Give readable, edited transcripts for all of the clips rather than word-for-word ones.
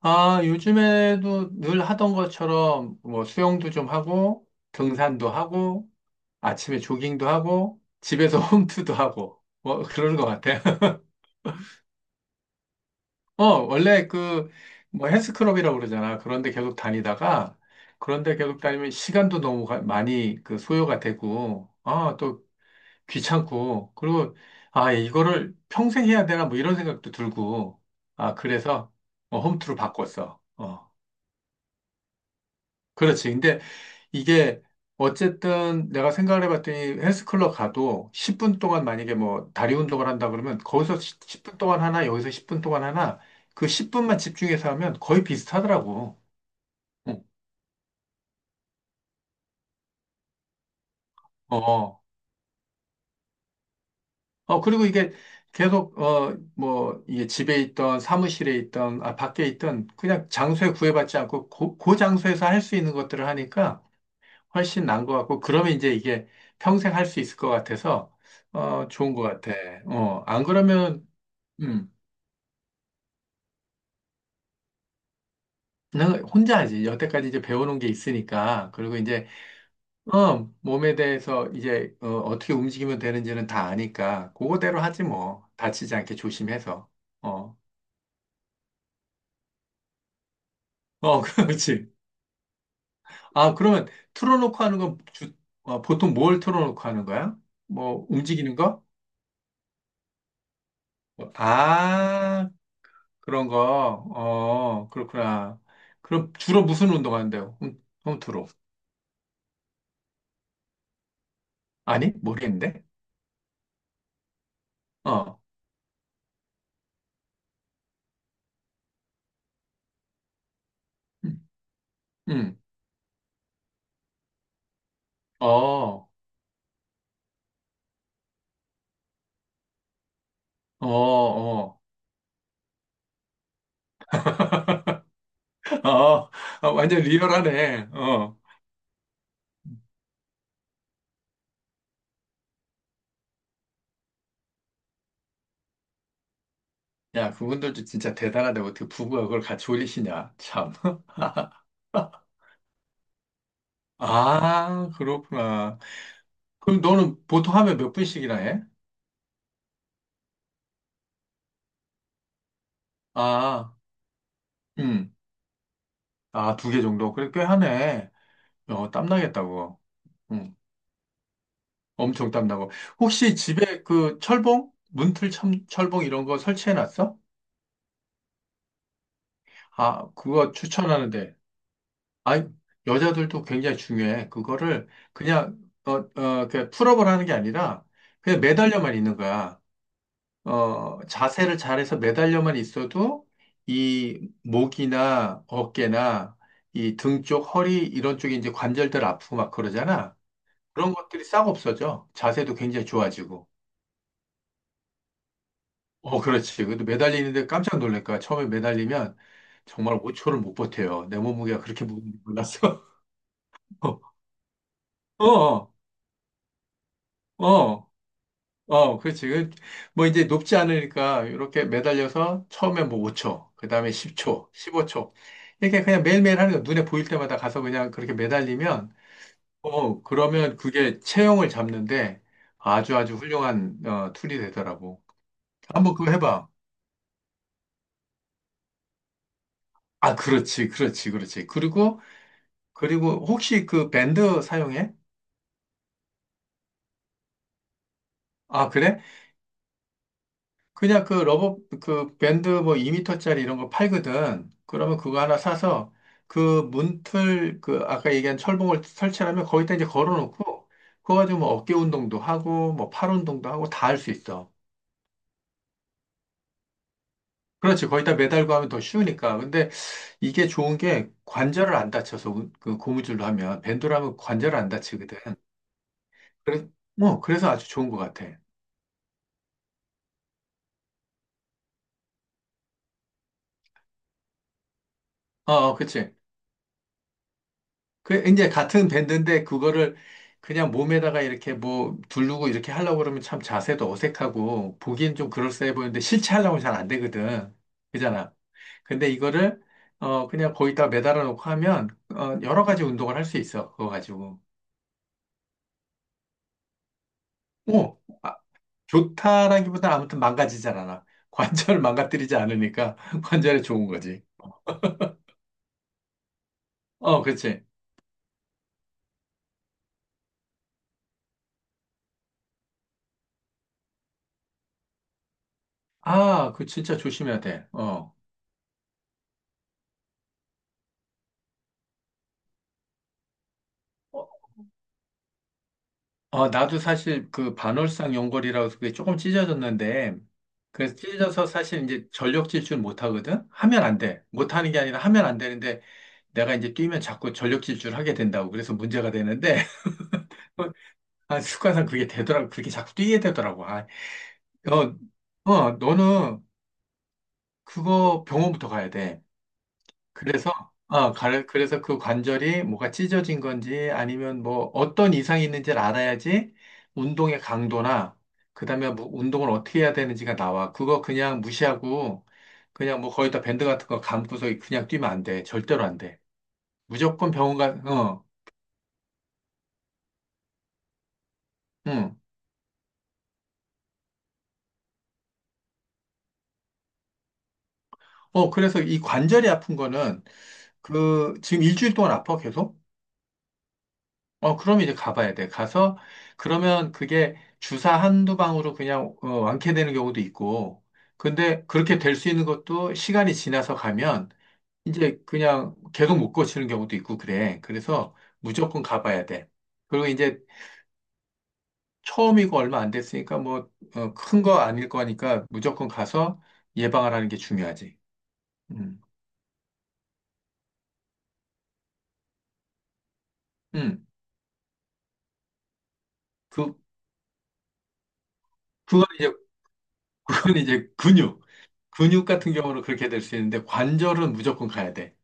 아, 요즘에도 늘 하던 것처럼 뭐 수영도 좀 하고, 등산도 하고, 아침에 조깅도 하고, 집에서 홈트도 하고, 뭐 그러는 것 같아요. 어, 원래 그 뭐 헬스클럽이라고 그러잖아. 그런데 계속 다니다가, 그런데 계속 다니면 시간도 너무 많이 그 소요가 되고, 아, 또 귀찮고, 그리고 아, 이거를 평생 해야 되나 뭐 이런 생각도 들고, 아, 그래서 어, 홈트로 바꿨어. 어, 그렇지. 근데 이게 어쨌든 내가 생각을 해봤더니 헬스클럽 가도 10분 동안 만약에 뭐 다리 운동을 한다 그러면 거기서 10분 동안 하나, 여기서 10분 동안 하나, 그 10분만 집중해서 하면 거의 비슷하더라고. 응. 어, 어, 그리고 이게 계속, 어, 뭐, 이게 집에 있던 사무실에 있던, 아, 밖에 있던 그냥 장소에 구애받지 않고 그 장소에서 할 수 있는 것들을 하니까 훨씬 나은 것 같고, 그러면 이제 이게 평생 할 수 있을 것 같아서, 어, 좋은 것 같아. 어, 안 그러면 음. 나는 혼자 하지. 여태까지 이제 배워놓은 게 있으니까. 그리고 이제, 어, 몸에 대해서 이제, 어, 어떻게 움직이면 되는지는 다 아니까. 그거대로 하지 뭐. 다치지 않게 조심해서. 어, 어, 그렇지. 아, 그러면 틀어놓고 하는 건 어, 보통 뭘 틀어놓고 하는 거야? 뭐, 움직이는 거? 뭐, 아, 그런 거. 어, 그렇구나. 그럼 주로 무슨 운동하는데요? 홈트로. 아니? 모르겠는데? 어, 음, 음. 어. 어, 어, 어, 어, 완전 리얼하네. 어. 야, 그분들도 진짜 대단하다. 어떻게 부부가 그걸 같이 올리시냐. 참. 아, 그렇구나. 그럼 너는 보통 하면 몇 분씩이나 해? 아, 음. 아, 두 개 정도? 그래, 꽤 하네. 어, 땀나겠다고. 음, 엄청 땀나고. 혹시 집에 그 철봉? 문틀 철봉 이런 거 설치해 놨어? 아, 그거 추천하는데. 아, 여자들도 굉장히 중요해. 그거를 그냥 어, 어, 그 풀업을 하는 게 아니라 그냥 매달려만 있는 거야. 어, 자세를 잘해서 매달려만 있어도 이 목이나 어깨나 이 등 쪽, 허리 이런 쪽에 이제 관절들 아프고 막 그러잖아. 그런 것들이 싹 없어져. 자세도 굉장히 좋아지고. 어, 그렇지. 그래도 매달리는데 깜짝 놀랄 거야. 처음에 매달리면 정말 5초를 못 버텨요. 내 몸무게가 그렇게 무거운 줄 몰랐어. 어, 어. 어, 그렇지. 그, 뭐 이제 높지 않으니까 이렇게 매달려서 처음에 뭐 5초, 그 다음에 10초, 15초. 이렇게 그냥 매일매일 하는 거 눈에 보일 때마다 가서 그냥 그렇게 매달리면, 어, 그러면 그게 체형을 잡는데 아주 아주 훌륭한 어, 툴이 되더라고. 한번 그거 해봐. 아, 그렇지, 그렇지, 그렇지. 그리고, 그리고 혹시 그 밴드 사용해? 아, 그래? 그냥 그 러버, 그 밴드 뭐 2미터짜리 이런 거 팔거든. 그러면 그거 하나 사서 그 문틀, 그 아까 얘기한 철봉을 설치하면 거기다 이제 걸어놓고 그거 가지고 뭐 어깨 운동도 하고 뭐 팔 운동도 하고 다 할 수 있어. 그렇지. 거기다 매달고 하면 더 쉬우니까. 근데 이게 좋은 게 관절을 안 다쳐서 그 고무줄로 하면 밴드로 하면 관절을 안 다치거든. 그래, 뭐 그래서 아주 좋은 것 같아. 어, 어, 그치. 그 이제 같은 밴드인데 그거를 그냥 몸에다가 이렇게 뭐 두르고 이렇게 하려고 그러면 참 자세도 어색하고 보기엔 좀 그럴싸해 보이는데 실제 하려면 잘 안 되거든. 그잖아. 근데 이거를 어 그냥 거기다 매달아 놓고 하면 어 여러 가지 운동을 할 수 있어. 그거 가지고. 오, 아, 좋다라기보다 아무튼 망가지질 않아. 관절 망가뜨리지 않으니까 관절에 좋은 거지. 어, 그렇지. 아, 그 진짜 조심해야 돼. 어. 어, 나도 사실 그 반월상 연골이라고 해서 그게 조금 찢어졌는데, 그래서 찢어져서 사실 이제 전력 질주를 못 하거든? 하면 안 돼. 못 하는 게 아니라 하면 안 되는데, 내가 이제 뛰면 자꾸 전력 질주를 하게 된다고. 그래서 문제가 되는데, 아, 습관상 그게 되더라고. 그렇게 자꾸 뛰게 되더라고. 아, 어, 어, 너는 그거 병원부터 가야 돼. 그래서, 어, 그래서 그 관절이 뭐가 찢어진 건지 아니면 뭐 어떤 이상이 있는지를 알아야지 운동의 강도나 그다음에 뭐 운동을 어떻게 해야 되는지가 나와. 그거 그냥 무시하고 그냥 뭐 거의 다 밴드 같은 거 감고서 그냥 뛰면 안 돼. 절대로 안 돼. 무조건 병원 가, 어, 응. 어, 그래서 이 관절이 아픈 거는 그 지금 일주일 동안 아파 계속? 어, 그럼 이제 가봐야 돼. 가서, 그러면 그게 주사 한두 방으로 그냥 어, 완쾌되는 경우도 있고, 근데 그렇게 될 수 있는 것도 시간이 지나서 가면 이제 그냥 계속 못 고치는 경우도 있고 그래. 그래서 무조건 가봐야 돼. 그리고 이제 처음이고 얼마 안 됐으니까 뭐, 어, 큰 거 아닐 거니까 무조건 가서 예방을 하는 게 중요하지. 음, 음. 그, 그건 이제, 그건 이제 근육. 근육 같은 경우는 그렇게 될 수 있는데 관절은 무조건 가야 돼.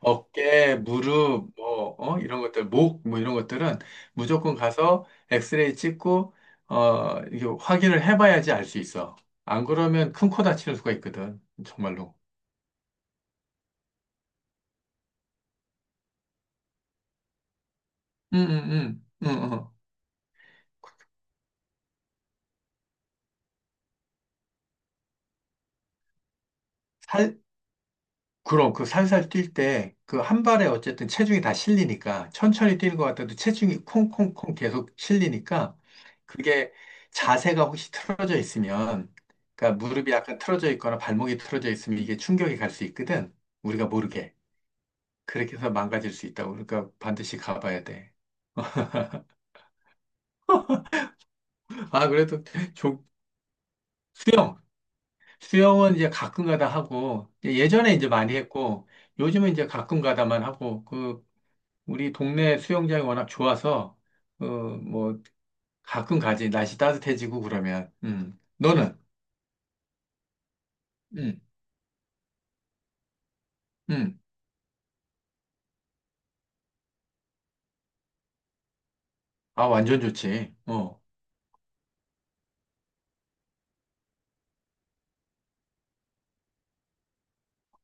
어깨, 무릎, 뭐, 어? 이런 것들, 목, 뭐 이런 것들은 무조건 가서 엑스레이 찍고, 어, 이게 확인을 해봐야지 알 수 있어. 안 그러면 큰 코 다치는 수가 있거든. 정말로. 응, 응, 응, 응, 응. 그럼 그 살살 뛸 때 그 한 발에 어쨌든 체중이 다 실리니까 천천히 뛰는 것 같아도 체중이 콩콩콩 계속 실리니까 그게 자세가 혹시 틀어져 있으면 그러니까 무릎이 약간 틀어져 있거나 발목이 틀어져 있으면 이게 충격이 갈 수 있거든. 우리가 모르게. 그렇게 해서 망가질 수 있다고. 그러니까 반드시 가봐야 돼. 아, 그래도 조, 수영. 수영은 이제 가끔 가다 하고 예전에 이제 많이 했고 요즘은 이제 가끔 가다만 하고 그 우리 동네 수영장이 워낙 좋아서, 어, 뭐, 가끔 가지. 날씨 따뜻해지고 그러면. 음. 너는? 음, 음. 아, 완전 좋지. 어.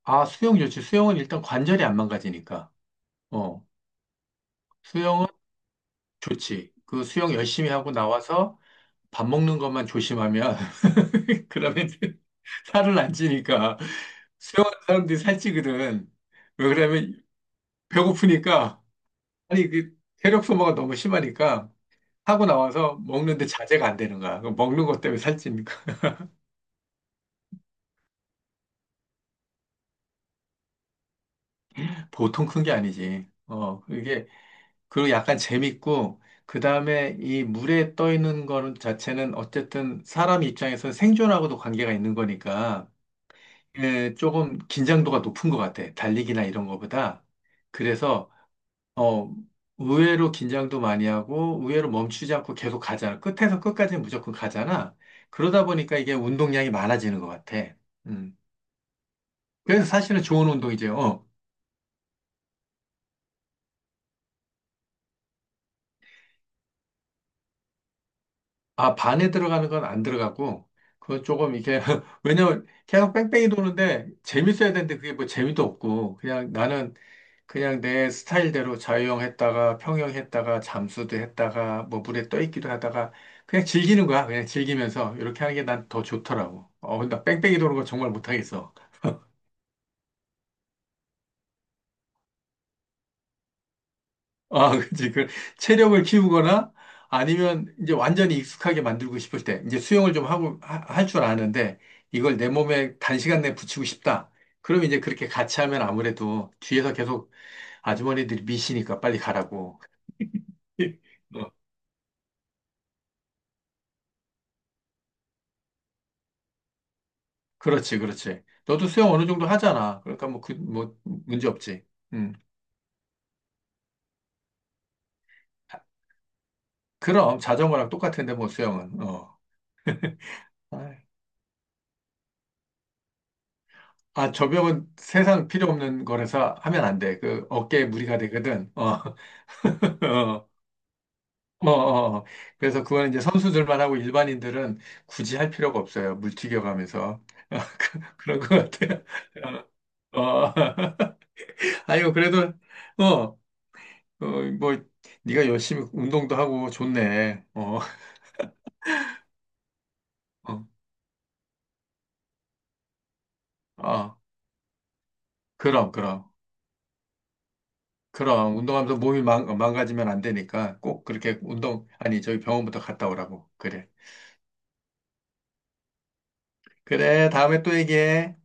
아, 수영 좋지. 수영은 일단 관절이 안 망가지니까. 어. 수영은 좋지. 그 수영 열심히 하고 나와서 밥 먹는 것만 조심하면, 그러면 살을 안 찌니까. 수영하는 사람들이 살찌거든. 왜 그러면 배고프니까, 아니, 그, 체력 소모가 너무 심하니까, 하고 나와서 먹는데 자제가 안 되는 거야. 그 먹는 것 때문에 살찌는 거 보통 큰 게 아니지. 어, 그게, 그리고 약간 재밌고, 그 다음에 이 물에 떠 있는 거는 자체는 어쨌든 사람 입장에서 생존하고도 관계가 있는 거니까, 예, 조금 긴장도가 높은 것 같아. 달리기나 이런 거보다. 그래서, 어, 의외로 긴장도 많이 하고, 의외로 멈추지 않고 계속 가잖아. 끝에서 끝까지 무조건 가잖아. 그러다 보니까 이게 운동량이 많아지는 것 같아. 음. 그래서 사실은 좋은 운동이죠. 어. 아, 반에 들어가는 건 안 들어가고, 그거 조금 이렇게, 왜냐면 계속 뺑뺑이 도는데 재밌어야 되는데 그게 뭐 재미도 없고, 그냥 나는 그냥 내 스타일대로 자유형 했다가 평형 했다가 잠수도 했다가 뭐 물에 떠 있기도 하다가 그냥 즐기는 거야. 그냥 즐기면서 이렇게 하는 게 난 더 좋더라고. 어, 나 뺑뺑이 도는 거 정말 못하겠어. 아, 그치. 그 체력을 키우거나 아니면 이제 완전히 익숙하게 만들고 싶을 때 이제 수영을 좀 하고 할 줄 아는데 이걸 내 몸에 단시간 내에 붙이고 싶다. 그럼 이제 그렇게 같이 하면 아무래도 뒤에서 계속 아주머니들이 미시니까 빨리 가라고. 어, 그렇지, 그렇지. 너도 수영 어느 정도 하잖아. 그러니까 뭐 그, 뭐 문제 없지. 음. 그럼 자전거랑 똑같은데 뭐 수영은. 어. 아이. 아, 저병은 세상 필요 없는 거라서 하면 안 돼. 그 어깨에 무리가 되거든. 어. 어, 어, 어. 그래서 그거는 이제 선수들만 하고 일반인들은 굳이 할 필요가 없어요. 물 튀겨가면서. 어, 그런 것 같아요. 어, 어. 아이고, 그래도, 어, 어, 뭐, 네가 열심히 운동도 하고 좋네. 어, 어, 어. 그럼, 그럼. 그럼, 운동하면서 몸이 어, 망가지면 안 되니까 꼭 그렇게 운동, 아니, 저기 병원부터 갔다 오라고. 그래. 그래, 다음에 또 얘기해.